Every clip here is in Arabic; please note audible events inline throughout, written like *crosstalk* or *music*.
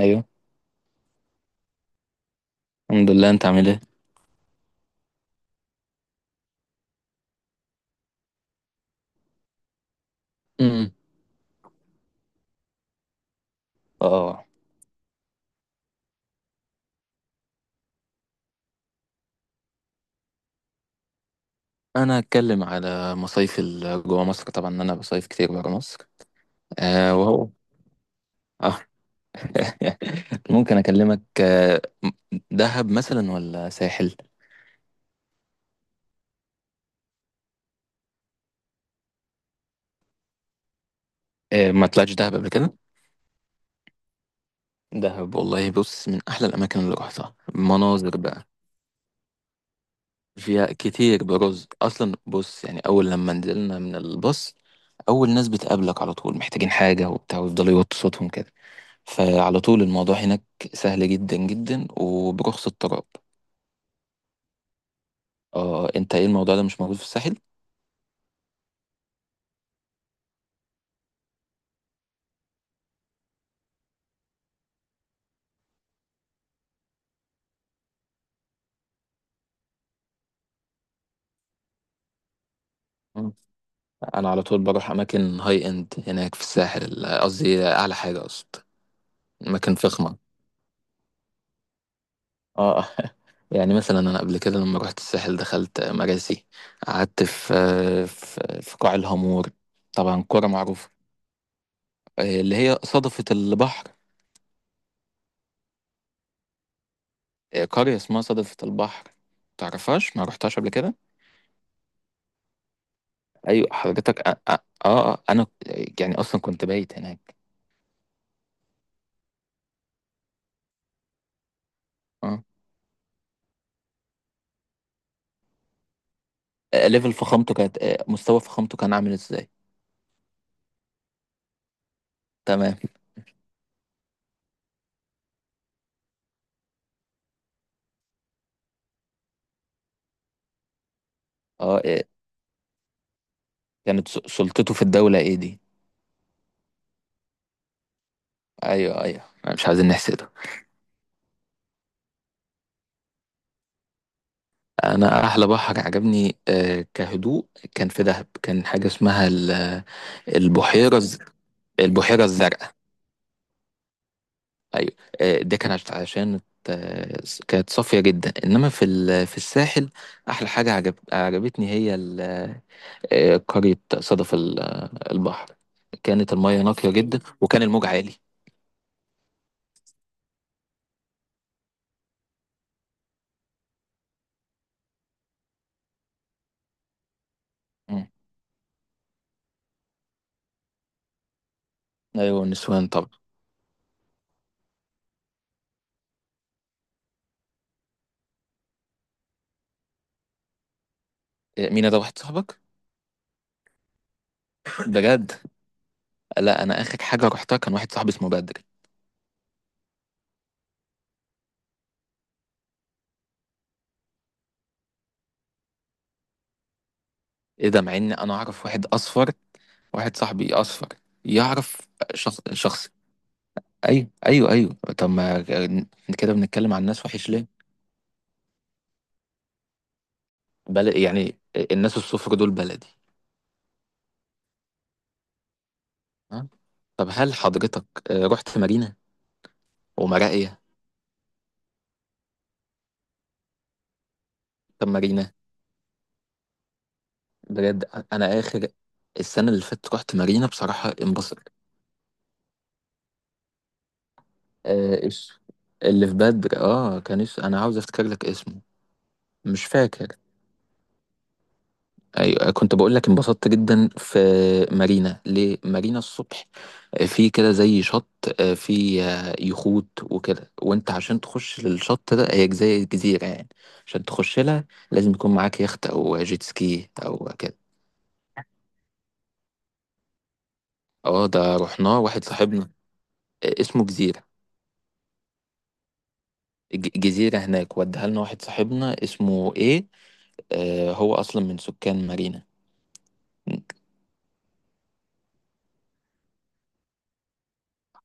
ايوه. الحمد لله، انت عامل ايه؟ امم اه انا هتكلم على مصايف جوا مصر. طبعا انا بصيف كتير برا مصر. آه وهو آه. *laughs* ممكن اكلمك دهب مثلا ولا ساحل؟ ما طلعتش دهب قبل كده. دهب والله، بص، من احلى الاماكن اللي روحتها. مناظر بقى فيها كتير برز اصلا. بص، يعني اول لما نزلنا من الباص، اول ناس بتقابلك على طول محتاجين حاجه وبتاع، ويفضلوا يوطوا صوتهم كده. فعلى طول الموضوع هناك سهل جدا جدا، وبرخص التراب. اه، انت ايه، الموضوع ده مش موجود في الساحل؟ مم. انا على طول بروح اماكن هاي اند هناك في الساحل. قصدي اعلى حاجه، قصد اماكن فخمه. اه *laughs* يعني مثلا انا قبل كده لما رحت الساحل دخلت مراسي، قعدت في في قاع الهامور، طبعا كرة معروفة. اللي هي صدفة البحر. قرية اسمها صدفة البحر. تعرفهاش؟ ما رحتهاش قبل كده؟ ايوه حضرتك. انا، يعني اصلا كنت بايت هناك. اه. ليفل فخامته كانت، مستوى فخامته كان عامل ازاي؟ تمام. اه. كانت سلطته في الدولة ايه دي؟ ايوه ايوه، مش عايزين نحسده. انا احلى بحر عجبني، كهدوء، كان في دهب. كان حاجة اسمها البحيرة البحيرة الزرقاء. ايوه. ده كان عشان آه، كانت صافية جدا. انما في في الساحل، احلى حاجة عجبتني هي قرية صدف البحر. كانت المية نقية جدا وكان الموج عالي. مم. ايوه النسوان طبعا. مين ده، واحد صاحبك؟ بجد؟ لا، انا اخر حاجة رحتها كان واحد صاحبي اسمه بدري. ايه ده، مع ان انا اعرف واحد اصفر، واحد صاحبي اصفر، يعرف شخص شخص. ايوه ايوه ايوه. طب ما كده بنتكلم عن ناس وحش ليه؟ بل يعني الناس الصفر دول بلدي؟ ها؟ طب هل حضرتك، رحت مارينا ومراقية؟ طب مارينا؟ بجد؟ أنا آخر السنة اللي فاتت رحت مارينا. بصراحة انبسط. آه، إيش اللي في بدر، اه كان اسمه، أنا عاوز أفتكر لك اسمه. مش فاكر. ايوه كنت بقول لك انبسطت جدا في مارينا. ليه مارينا؟ الصبح، في كده زي شط، آه، في آه، يخوت وكده، وانت عشان تخش للشط ده، هي زي الجزيره يعني. عشان تخش لها لازم يكون معاك يخت او جيت سكي او كده. اه، ده رحناه واحد صاحبنا اسمه جزيره. جزيره هناك وديها لنا واحد صاحبنا اسمه ايه، هو اصلا من سكان مارينا.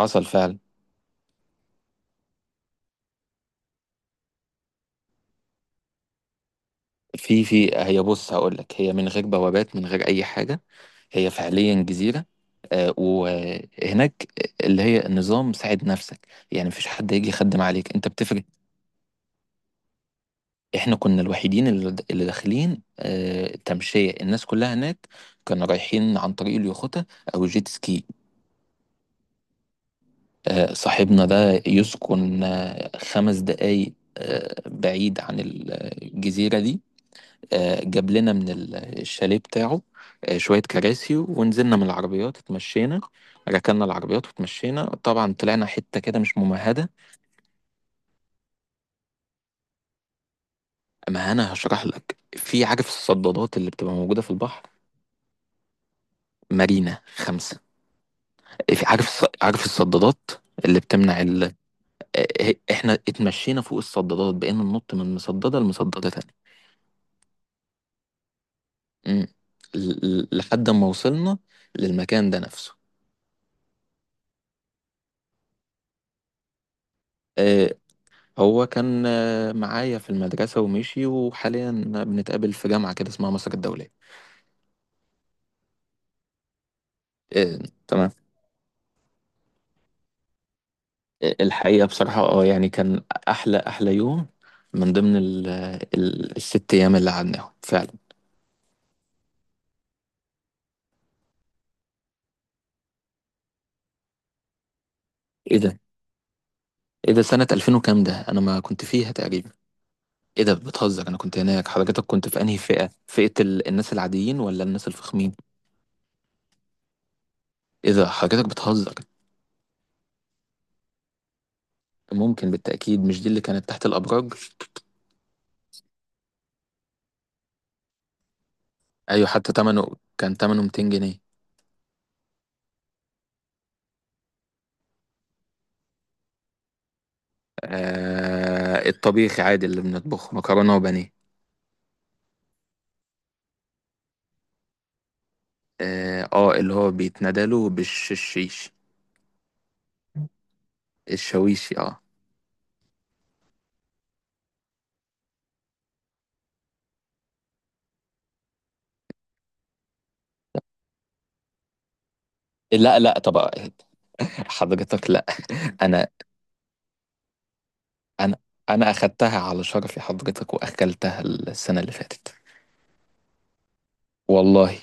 حصل فعلا. في هي، بص هقول لك، هي من غير بوابات، من غير اي حاجه. هي فعليا جزيره. وهناك اللي هي نظام ساعد نفسك يعني. مفيش حد هيجي يخدم عليك، انت بتفرق. احنا كنا الوحيدين اللي داخلين تمشيه. الناس كلها هناك كانوا رايحين عن طريق اليخوتة او الجيت سكي. صاحبنا ده يسكن خمس دقايق بعيد عن الجزيره دي. جاب لنا من الشاليه بتاعه شوية كراسي، ونزلنا من العربيات اتمشينا. ركننا العربيات واتمشينا، طبعا طلعنا حتة كده مش ممهدة. ما أنا هشرح لك. في، عارف الصدادات اللي بتبقى موجودة في البحر؟ مارينا خمسة. في عارف عارف الصدادات اللي بتمنع ال... احنا اتمشينا فوق الصدادات، بقينا ننط من مصددة لمصددة تانية. مم. لحد ما وصلنا للمكان ده نفسه. آه، هو كان معايا في المدرسة ومشي، وحاليا بنتقابل في جامعة كده اسمها مصر الدولية. آه، تمام. الحقيقة بصراحة اه، يعني كان أحلى أحلى يوم من ضمن ال الست أيام اللي قعدناهم فعلا. إيه ده؟ إيه ده؟ سنة 2000 وكام ده؟ أنا ما كنت فيها تقريبا. إيه ده، بتهزر؟ أنا كنت هناك. حضرتك كنت في أنهي فئة، ال الناس العاديين ولا الناس الفخمين؟ إيه ده، حضرتك بتهزر؟ ممكن بالتأكيد. مش دي اللي كانت تحت الأبراج؟ أيوة، حتى تمنه كان، تمنه 200 جنيه. آه الطبيخي عادي، اللي بنطبخه مكرونة وبانيه. اه، اللي هو بيتندى له بالشيش. الشويشي، اه. لا لا، طب حضرتك، لا، انا انا انا اخدتها على شرفي حضرتك، واكلتها السنة اللي فاتت. والله.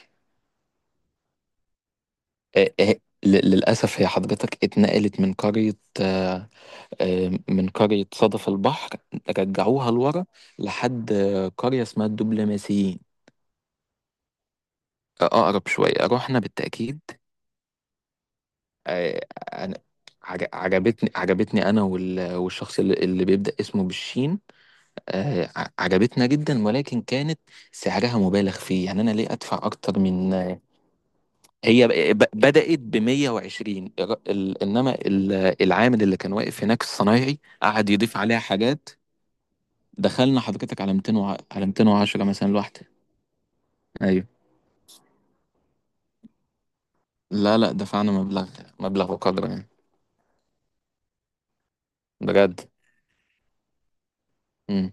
آه آه للأسف، هي حضرتك اتنقلت من قرية من قرية صدف البحر، رجعوها لورا، لحد قرية اسمها الدبلوماسيين. أقرب شوية. رحنا بالتأكيد. آه، أنا عجبتني أنا والشخص اللي بيبدأ اسمه بالشين. عجبتنا جدا، ولكن كانت سعرها مبالغ فيه. يعني أنا ليه أدفع أكتر من، هي بدأت ب 120، إنما العامل اللي كان واقف هناك الصنايعي قعد يضيف عليها حاجات. دخلنا حضرتك على 200 على 210 مثلا الواحدة. أيوه. لا لا، دفعنا مبلغ وقدره يعني. بجد. مم.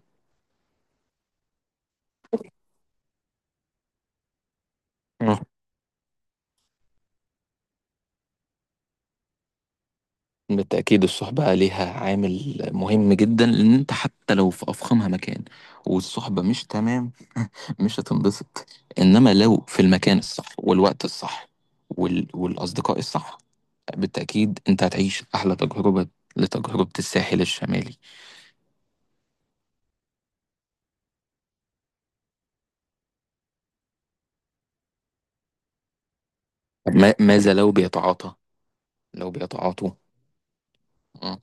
بالتأكيد الصحبة ليها عامل مهم جدا. لأن أنت حتى لو في أفخمها مكان، والصحبة مش تمام، مش هتنبسط. إنما لو في المكان الصح، والوقت الصح، والأصدقاء الصح، بالتأكيد أنت هتعيش أحلى تجربة لتجربة الساحل الشمالي. ما... ماذا لو بيتعاطى، لو بيتعاطوا؟ مم.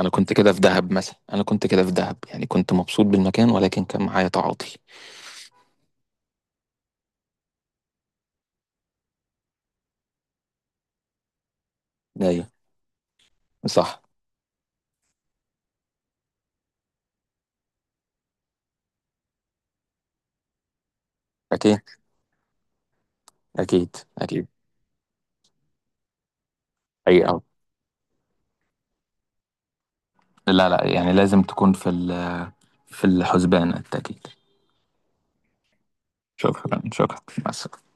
أنا كنت كده في دهب، يعني كنت مبسوط بالمكان، ولكن كان معايا تعاطي. أيوه. صح. أكيد أكيد أكيد. أيوه. لا لا، يعني لازم تكون في في الحسبان التأكيد. شكرا شكرا. مع السلامة.